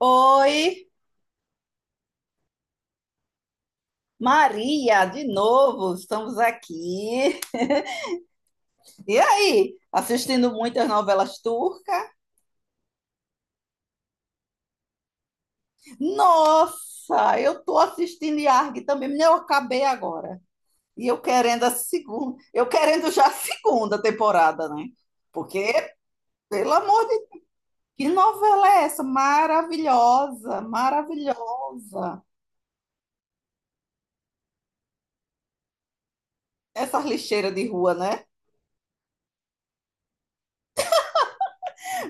Oi, Maria, de novo, estamos aqui. E aí, assistindo muitas novelas turcas? Nossa, eu tô assistindo Yarg também, nem eu acabei agora. E eu querendo a segunda, eu querendo já a segunda temporada, né? Porque, pelo amor de Deus, que novela é essa? Maravilhosa, maravilhosa. Essas lixeiras de rua, né?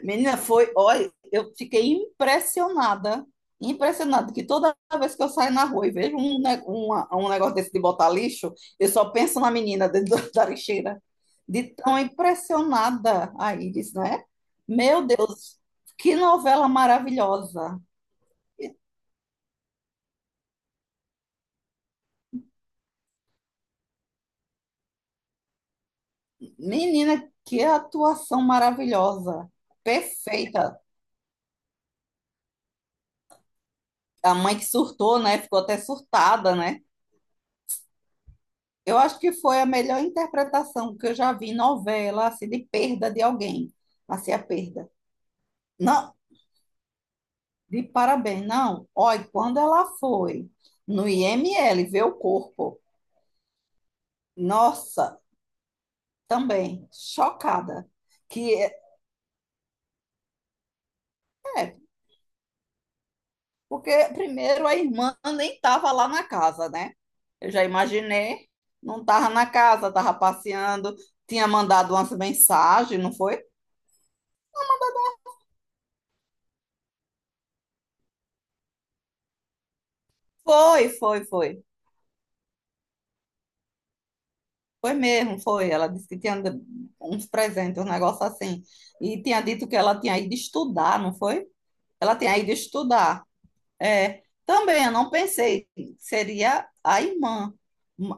Menina, foi, olha, eu fiquei impressionada, impressionada, que toda vez que eu saio na rua e vejo um, um negócio desse de botar lixo, eu só penso na menina dentro da lixeira, de tão impressionada a Iris, né? Meu Deus, que novela maravilhosa. Menina, que atuação maravilhosa, perfeita. A mãe que surtou, né? Ficou até surtada, né? Eu acho que foi a melhor interpretação que eu já vi em novela, assim, de perda de alguém. Assim, a perda. Não, de parabéns, não. Olha, quando ela foi no IML ver o corpo, nossa, também, chocada. Que é, porque primeiro a irmã nem estava lá na casa, né? Eu já imaginei, não estava na casa, estava passeando, tinha mandado umas mensagens, não foi? Foi, foi, foi. Foi mesmo, foi. Ela disse que tinha uns presentes, um negócio assim. E tinha dito que ela tinha ido estudar, não foi? Ela tinha ido estudar. É, também, eu não pensei que seria a irmã.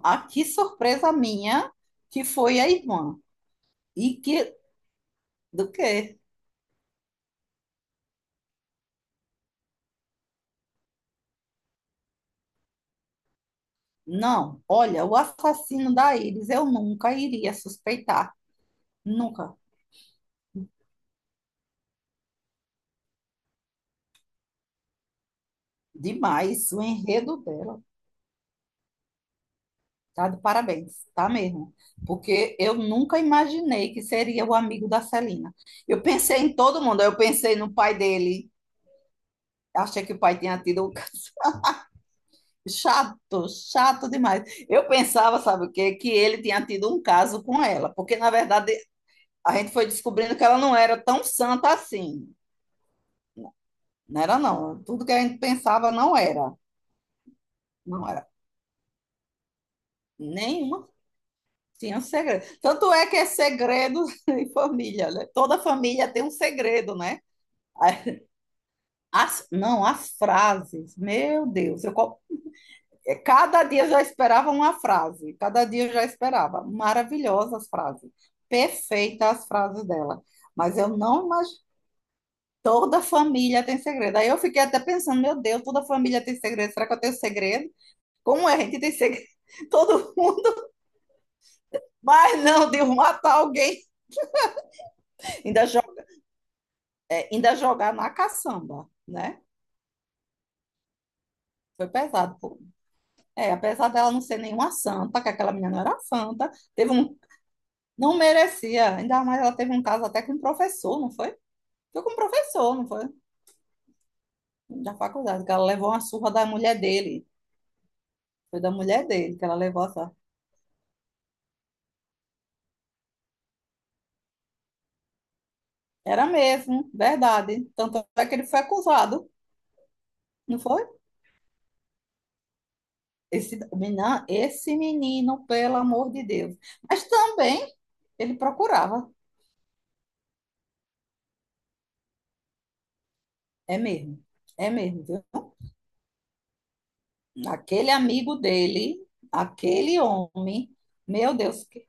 Ah, que surpresa minha que foi a irmã. E que, do quê? Não, olha, o assassino da Iris eu nunca iria suspeitar. Nunca. Demais, o enredo dela. Tá de parabéns, tá mesmo. Porque eu nunca imaginei que seria o amigo da Celina. Eu pensei em todo mundo, eu pensei no pai dele. Achei que o pai tinha tido um caso chato, chato demais. Eu pensava, sabe o quê? Que ele tinha tido um caso com ela, porque na verdade a gente foi descobrindo que ela não era tão santa assim. Não era, não. Tudo que a gente pensava não era. Não era nenhuma. Tinha um segredo. Tanto é que é segredo em família, né? Toda família tem um segredo, né? As, não, as frases, meu Deus, eu, cada dia eu já esperava uma frase, cada dia eu já esperava. Maravilhosas as frases, perfeitas as frases dela. Mas eu não imagino, toda família tem segredo. Aí eu fiquei até pensando, meu Deus, toda família tem segredo, será que eu tenho segredo? Como é, a gente tem segredo? Todo mundo, mas não, de um matar alguém, ainda, jo- ainda jogar na caçamba, né? Foi pesado, pô. É, apesar dela não ser nenhuma santa, que aquela menina não era santa, teve um... Não merecia. Ainda mais ela teve um caso até com um professor, não foi? Foi com um professor, não foi? Da faculdade, que ela levou uma surra da mulher dele. Foi da mulher dele que ela levou essa. Era mesmo, verdade. Tanto é que ele foi acusado, não foi? Esse menino, pelo amor de Deus. Mas também ele procurava. É mesmo, é mesmo, viu? Aquele amigo dele, aquele homem, meu Deus, que-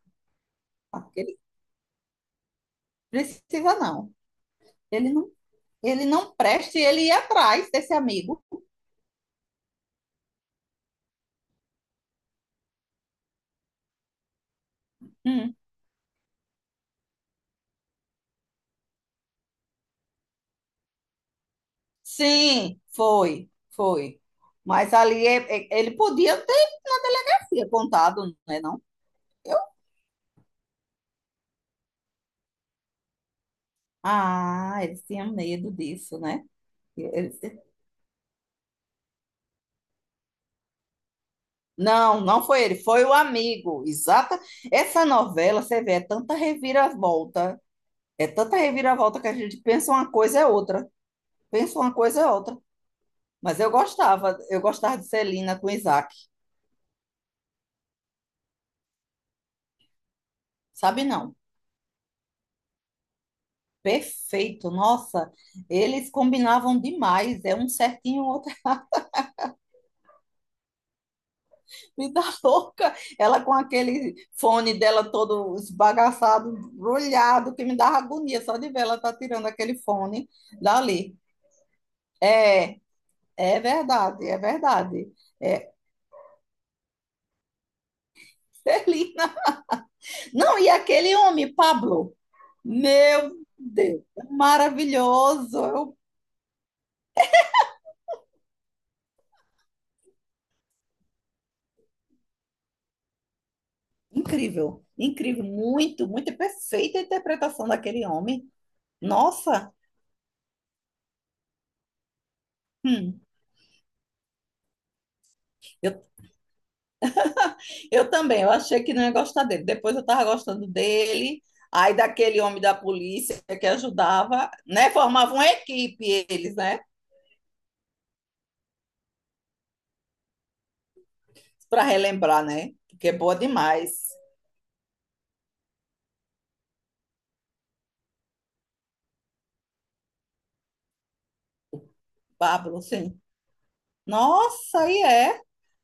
aquele precisa não. Ele não, ele não presta e ele ia atrás desse amigo. Hum. Sim, foi, foi. Mas ali ele podia ter na delegacia contado, né, não? Eu, ah, eles tinham medo disso, né? Eles- não, não foi ele, foi o amigo. Exata. Essa novela, você vê, é tanta reviravolta que a gente pensa uma coisa é outra, pensa uma coisa é outra. Mas eu gostava de Celina com Isaac, sabe não? Perfeito, nossa, eles combinavam demais, é um certinho, outra vida louca, ela com aquele fone dela todo esbagaçado, brulhado, que me dava agonia só de ver ela tá tirando aquele fone dali. É, é verdade, é verdade. É, Celina. Não, e aquele homem, Pablo, meu Deus, é maravilhoso, eu- incrível, incrível, muito, muito perfeita a interpretação daquele homem. Nossa, hum, eu, eu também, eu achei que não ia gostar dele. Depois eu estava gostando dele, aí daquele homem da polícia que ajudava, né? Formava uma equipe eles, né? Para relembrar, né? Porque é boa demais. Pablo, sim. Nossa, aí é.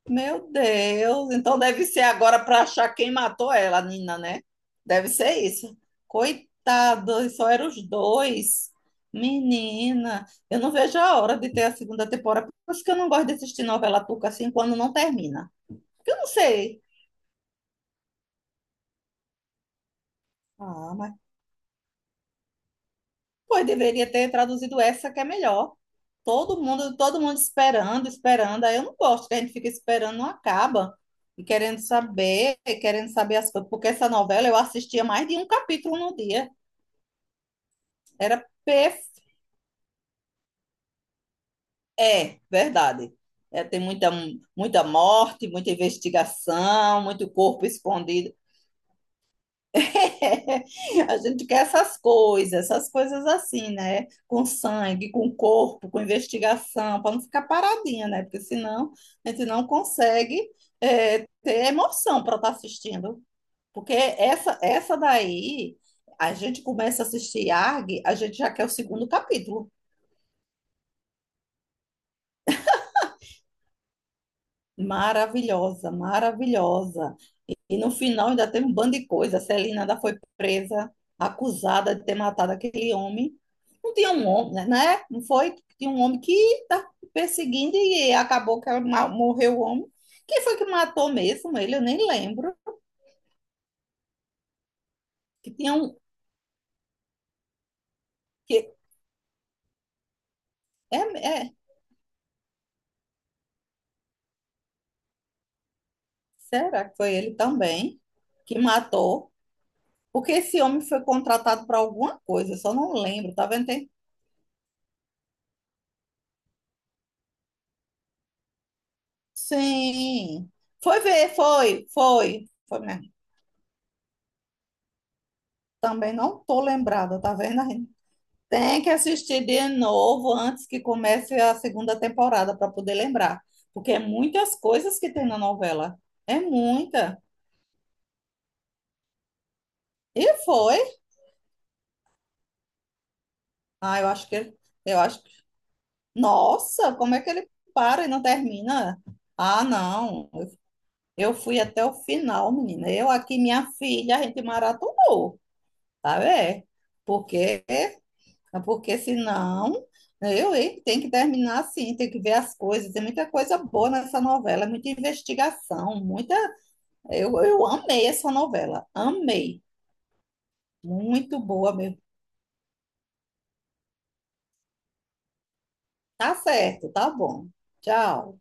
Meu Deus, então deve ser agora para achar quem matou ela, a Nina, né? Deve ser isso. Coitado, só eram os dois. Menina, eu não vejo a hora de ter a segunda temporada. Por isso que eu não gosto de assistir novela turca assim quando não termina. Porque eu não sei. Ah, pois deveria ter traduzido essa que é melhor. Todo mundo esperando, esperando. Aí eu não gosto que a gente fica esperando, não acaba. E querendo saber as coisas. Porque essa novela eu assistia mais de um capítulo no dia. Era perf... É, verdade. É, tem muita, muita morte, muita investigação, muito corpo escondido. A gente quer essas coisas assim, né? Com sangue, com corpo, com investigação, para não ficar paradinha, né? Porque senão a gente não consegue ter emoção para estar assistindo. Porque essa daí, a gente começa a assistir ARG, a gente já quer o segundo capítulo. Maravilhosa, maravilhosa. E no final ainda teve um bando de coisa. A Celina ainda foi presa, acusada de ter matado aquele homem. Não tinha um homem, né? Né? Não foi? Tinha um homem que está perseguindo e acabou que morreu o homem. Quem foi que matou mesmo ele? Eu nem lembro. Que tinha um. Que, é, é, será que foi ele também que matou? Porque esse homem foi contratado para alguma coisa, eu só não lembro, tá vendo? Tem- sim. Foi ver, foi, foi. Foi mesmo. Também não tô lembrada, tá vendo? Aline? Tem que assistir de novo antes que comece a segunda temporada para poder lembrar, porque é muitas coisas que tem na novela. É muita. E foi. Ah, eu acho que ele- eu acho que. Nossa, como é que ele para e não termina? Ah, não. Eu fui até o final, menina. Eu aqui, minha filha, a gente maratonou, tá vendo? Porque... porque senão, né, eu, hein, tem que terminar assim, tem que ver as coisas. Tem muita coisa boa nessa novela, muita investigação, muita. Eu amei essa novela, amei. Muito boa mesmo. Tá certo, tá bom. Tchau.